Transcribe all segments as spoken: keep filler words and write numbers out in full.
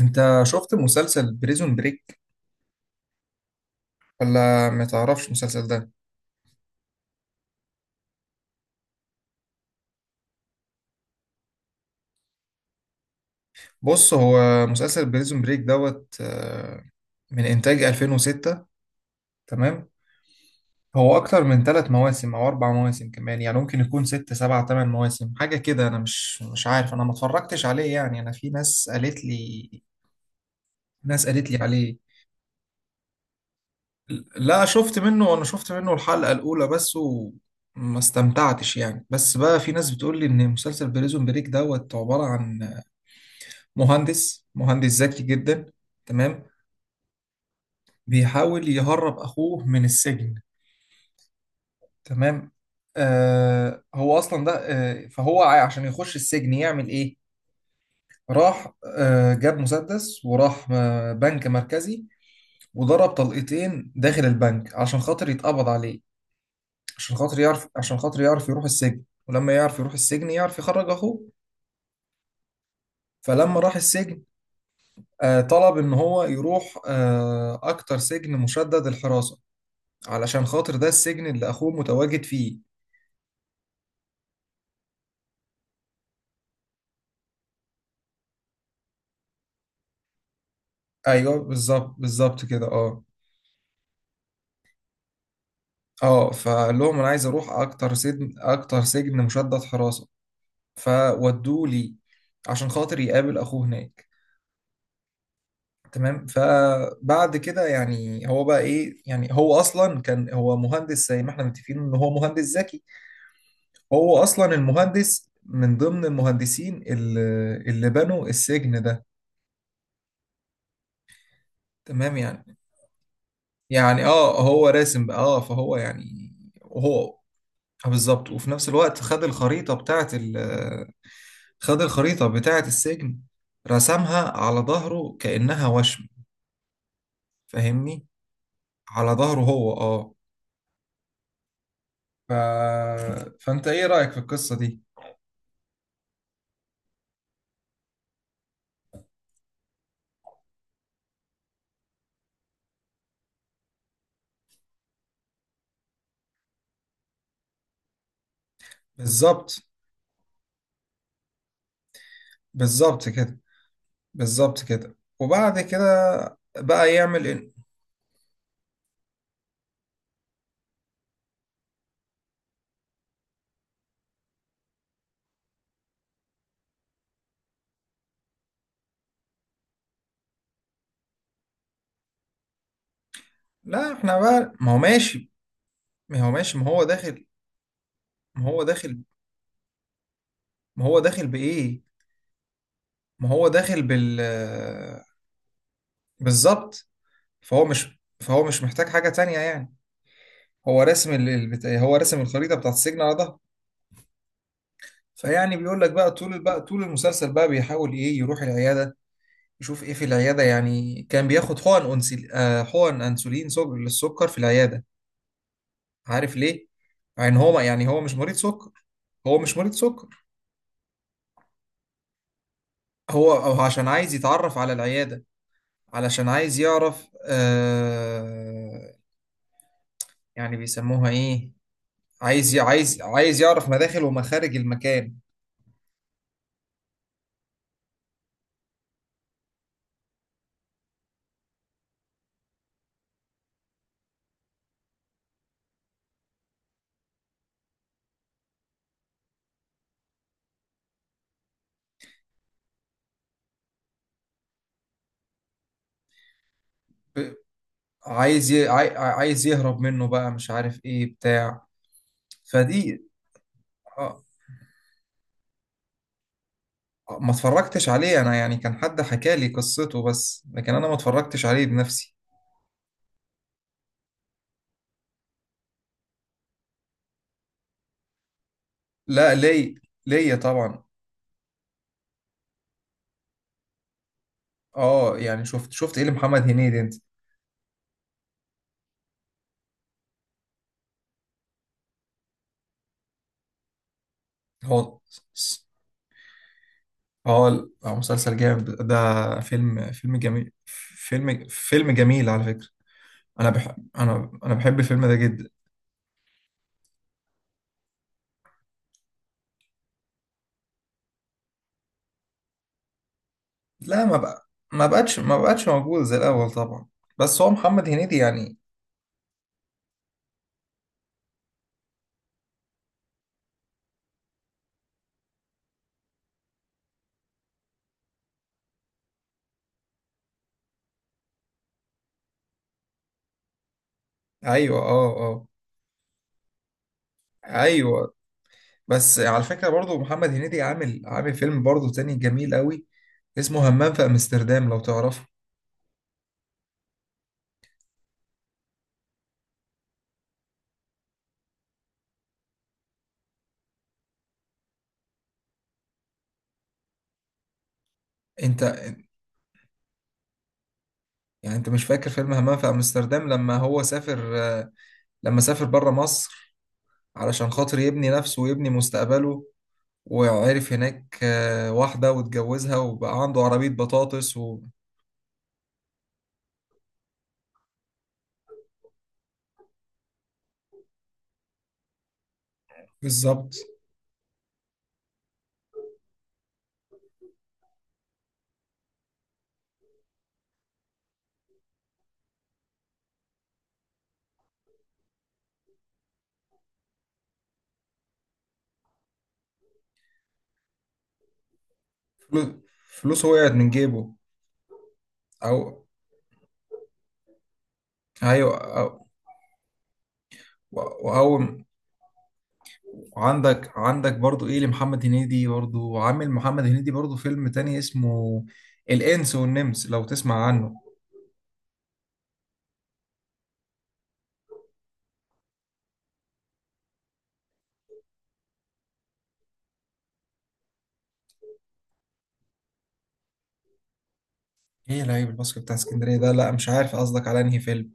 انت شفت مسلسل بريزون بريك ولا ما تعرفش المسلسل ده. بص هو مسلسل بريزون بريك دوت آه، من انتاج الفين وستة. تمام. هو اكتر من ثلاث مواسم او اربع مواسم كمان، يعني ممكن يكون ست سبع ثمان مواسم حاجه كده. انا مش مش عارف، انا ما اتفرجتش عليه يعني. انا في ناس قالت لي، ناس قالت لي عليه. لا شفت منه، انا شفت منه الحلقه الاولى بس وما استمتعتش يعني. بس بقى في ناس بتقول لي ان مسلسل بريزون بريك دوت عباره عن مهندس مهندس ذكي جدا. تمام. بيحاول يهرب اخوه من السجن. تمام. آه هو اصلا ده آه، فهو ع- عشان يخش السجن يعمل ايه؟ راح آه جاب مسدس وراح آه بنك مركزي وضرب طلقتين داخل البنك عشان خاطر يتقبض عليه، عشان خاطر يعرف عشان خاطر يعرف يروح السجن. ولما يعرف يروح السجن يعرف يخرج اخوه. فلما راح السجن آه طلب ان هو يروح آه اكتر سجن مشدد الحراسة، علشان خاطر ده السجن اللي اخوه متواجد فيه. ايوه بالظبط، بالظبط كده اه. اه فقال لهم انا عايز اروح اكتر سجن، اكتر سجن مشدد حراسه، فودوه لي عشان خاطر يقابل اخوه هناك. تمام. فبعد كده يعني هو بقى ايه، يعني هو اصلا كان هو مهندس، زي ما احنا متفقين ان هو مهندس ذكي. هو اصلا المهندس من ضمن المهندسين اللي اللي بنوا السجن ده. تمام يعني. يعني اه هو راسم بقى اه، فهو يعني هو آه، بالظبط. وفي نفس الوقت خد الخريطة بتاعة ال خد الخريطة بتاعة السجن، رسمها على ظهره كأنها وشم، فاهمني؟ على ظهره هو اه. ف... فأنت إيه رأيك في القصة دي؟ بالظبط، بالظبط كده، بالظبط كده. وبعد كده بقى يعمل إيه؟ لا احنا بقى ما هو ماشي، ما هو ماشي ما هو داخل، ما هو داخل ما هو داخل بإيه؟ ما هو داخل بال، بالظبط. فهو مش فهو مش محتاج حاجة تانية يعني. هو رسم ال- البت... هو رسم الخريطه بتاعت السجن على ظهره. فيعني بيقول لك بقى طول، بقى طول المسلسل بقى بيحاول ايه، يروح العياده يشوف ايه في العياده. يعني كان بياخد حقن انسل... آه حقن انسولين سج... للسكر في العياده. عارف ليه؟ يعني هو ما... يعني هو مش مريض سكر، هو مش مريض سكر. هو هو عشان عايز يتعرف على العياده، علشان عايز يعرف آه... يعني بيسموها ايه؟ عايز ي- عايز عايز يعرف مداخل ومخارج المكان. عايز ي... عاي... عايز يهرب منه بقى، مش عارف ايه بتاع فدي. آه، آه، ما اتفرجتش عليه انا يعني، كان حد حكى لي قصته بس، لكن انا ما اتفرجتش عليه بنفسي. لا ليه، ليا طبعا. اه يعني شفت، شفت ايه لمحمد هنيدي انت؟ هو اه ال- آه، مسلسل جامد ده، فيلم فيلم جميل، فيلم فيلم جميل على فكرة. انا بحب، انا انا بحب الفيلم ده جدا. لا، ما بقى، ما بقتش ما بقتش موجود زي الاول طبعا. بس هو محمد هنيدي يعني ايوه اه اه، ايوه. بس على فكره برضو محمد هنيدي عامل، عامل فيلم برضو تاني جميل قوي اسمه همام في امستردام، لو تعرفه انت. يعني انت مش فاكر فيلم همام في امستردام لما هو سافر، آه، لما سافر بره مصر علشان خاطر يبني نفسه ويبني مستقبله؟ وعرف هناك آه، واحده واتجوزها وبقى عنده عربيه بطاطس و... بالظبط. فلو- فلوسه وقعت من جيبه. او ايوه أو... وأول. وعندك، عندك برضو ايه لمحمد هنيدي؟ برضو عامل محمد هنيدي برضو فيلم تاني اسمه الانس والنمس، لو تسمع عنه. ايه لعيب الباسكت بتاع اسكندريه ده؟ لا مش عارف قصدك على انهي فيلم.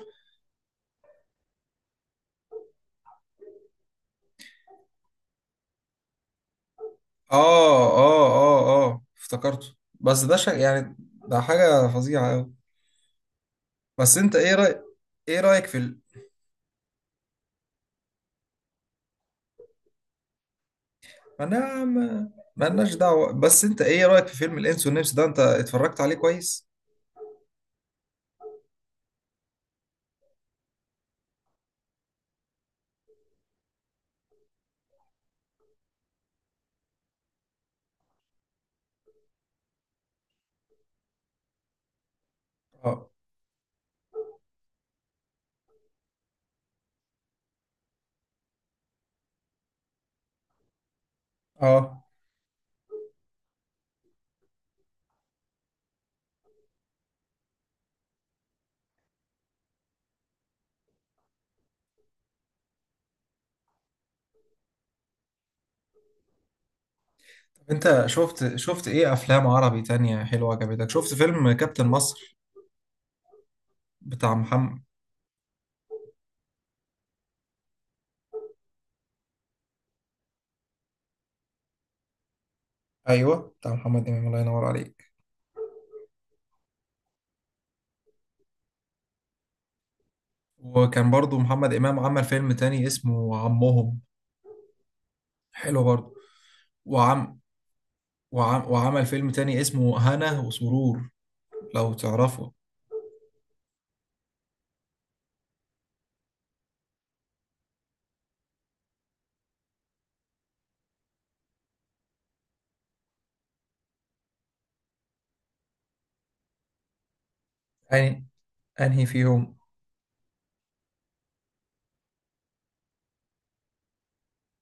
اه اه اه اه افتكرته. بس ده شيء يعني، ده حاجه فظيعه قوي. بس انت ايه رايك، ايه رايك في ال... ما انا ما مالناش دعوه. بس انت ايه رايك في فيلم الانس والنمس ده، انت اتفرجت عليه كويس؟ اه اه. انت شفت، شفت ايه افلام عربي تانية حلوة عجبتك؟ شفت فيلم كابتن مصر بتاع محمد؟ ايوه بتاع محمد امام، الله ينور عليك. وكان برضو محمد امام عمل فيلم تاني اسمه عمهم، حلو برضو. وعم, وعم وعمل فيلم تاني اسمه هنا وسرور، لو تعرفه. يعني انهي فيهم؟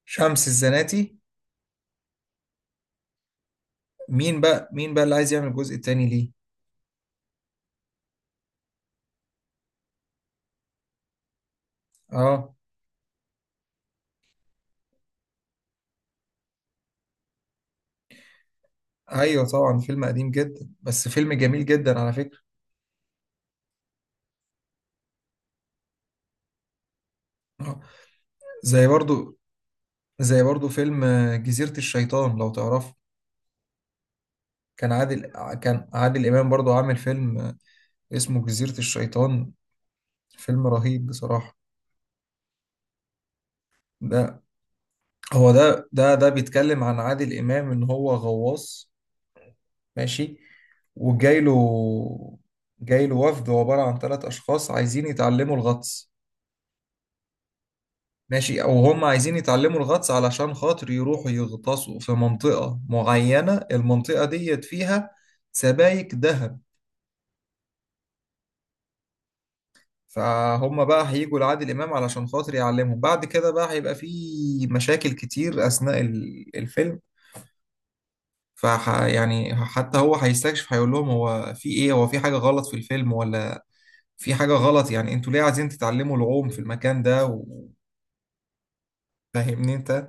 شمس الزناتي. مين بقى، مين بقى اللي عايز يعمل الجزء التاني ليه؟ اه ايوه طبعا، فيلم قديم جدا بس فيلم جميل جدا على فكرة. آه. زي برضو، زي برضو فيلم آه، جزيرة الشيطان لو تعرفه. كان عادل ع- كان عادل إمام برضو عامل فيلم آه، اسمه جزيرة الشيطان، فيلم رهيب بصراحة. ده هو ده، ده ده بيتكلم عن عادل إمام إن هو غواص، ماشي؟ وجاي له، جاي له وفد عبارة عن ثلاث أشخاص عايزين يتعلموا الغطس. ماشي؟ أو هم عايزين يتعلموا الغطس علشان خاطر يروحوا يغطسوا في منطقة معينة، المنطقة ديت فيها سبايك ذهب. فهم بقى هيجوا لعادل إمام علشان خاطر يعلمهم. بعد كده بقى هيبقى في مشاكل كتير أثناء ال- الفيلم. فح يعني حتى هو هيستكشف، هيقول لهم هو في إيه، هو في حاجة غلط في الفيلم ولا في حاجة غلط، يعني أنتوا ليه عايزين تتعلموا العوم في المكان ده و-؟ فاهمني أنت؟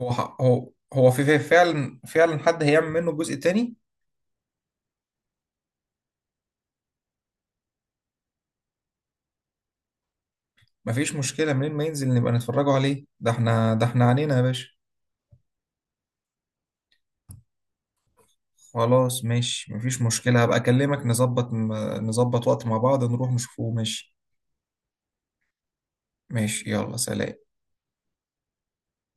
هو ح- هو هو في في- فعلا، فعلا حد هيعمل منه جزء تاني؟ مفيش مشكلة، منين ما ينزل نبقى نتفرجوا عليه، ده احنا، ده احنا عنينا يا باشا. خلاص ماشي مفيش مشكلة، هبقى أكلمك نظبط، نظبط وقت مع بعض نروح نشوفه ماشي. ماشي، يلا سلام.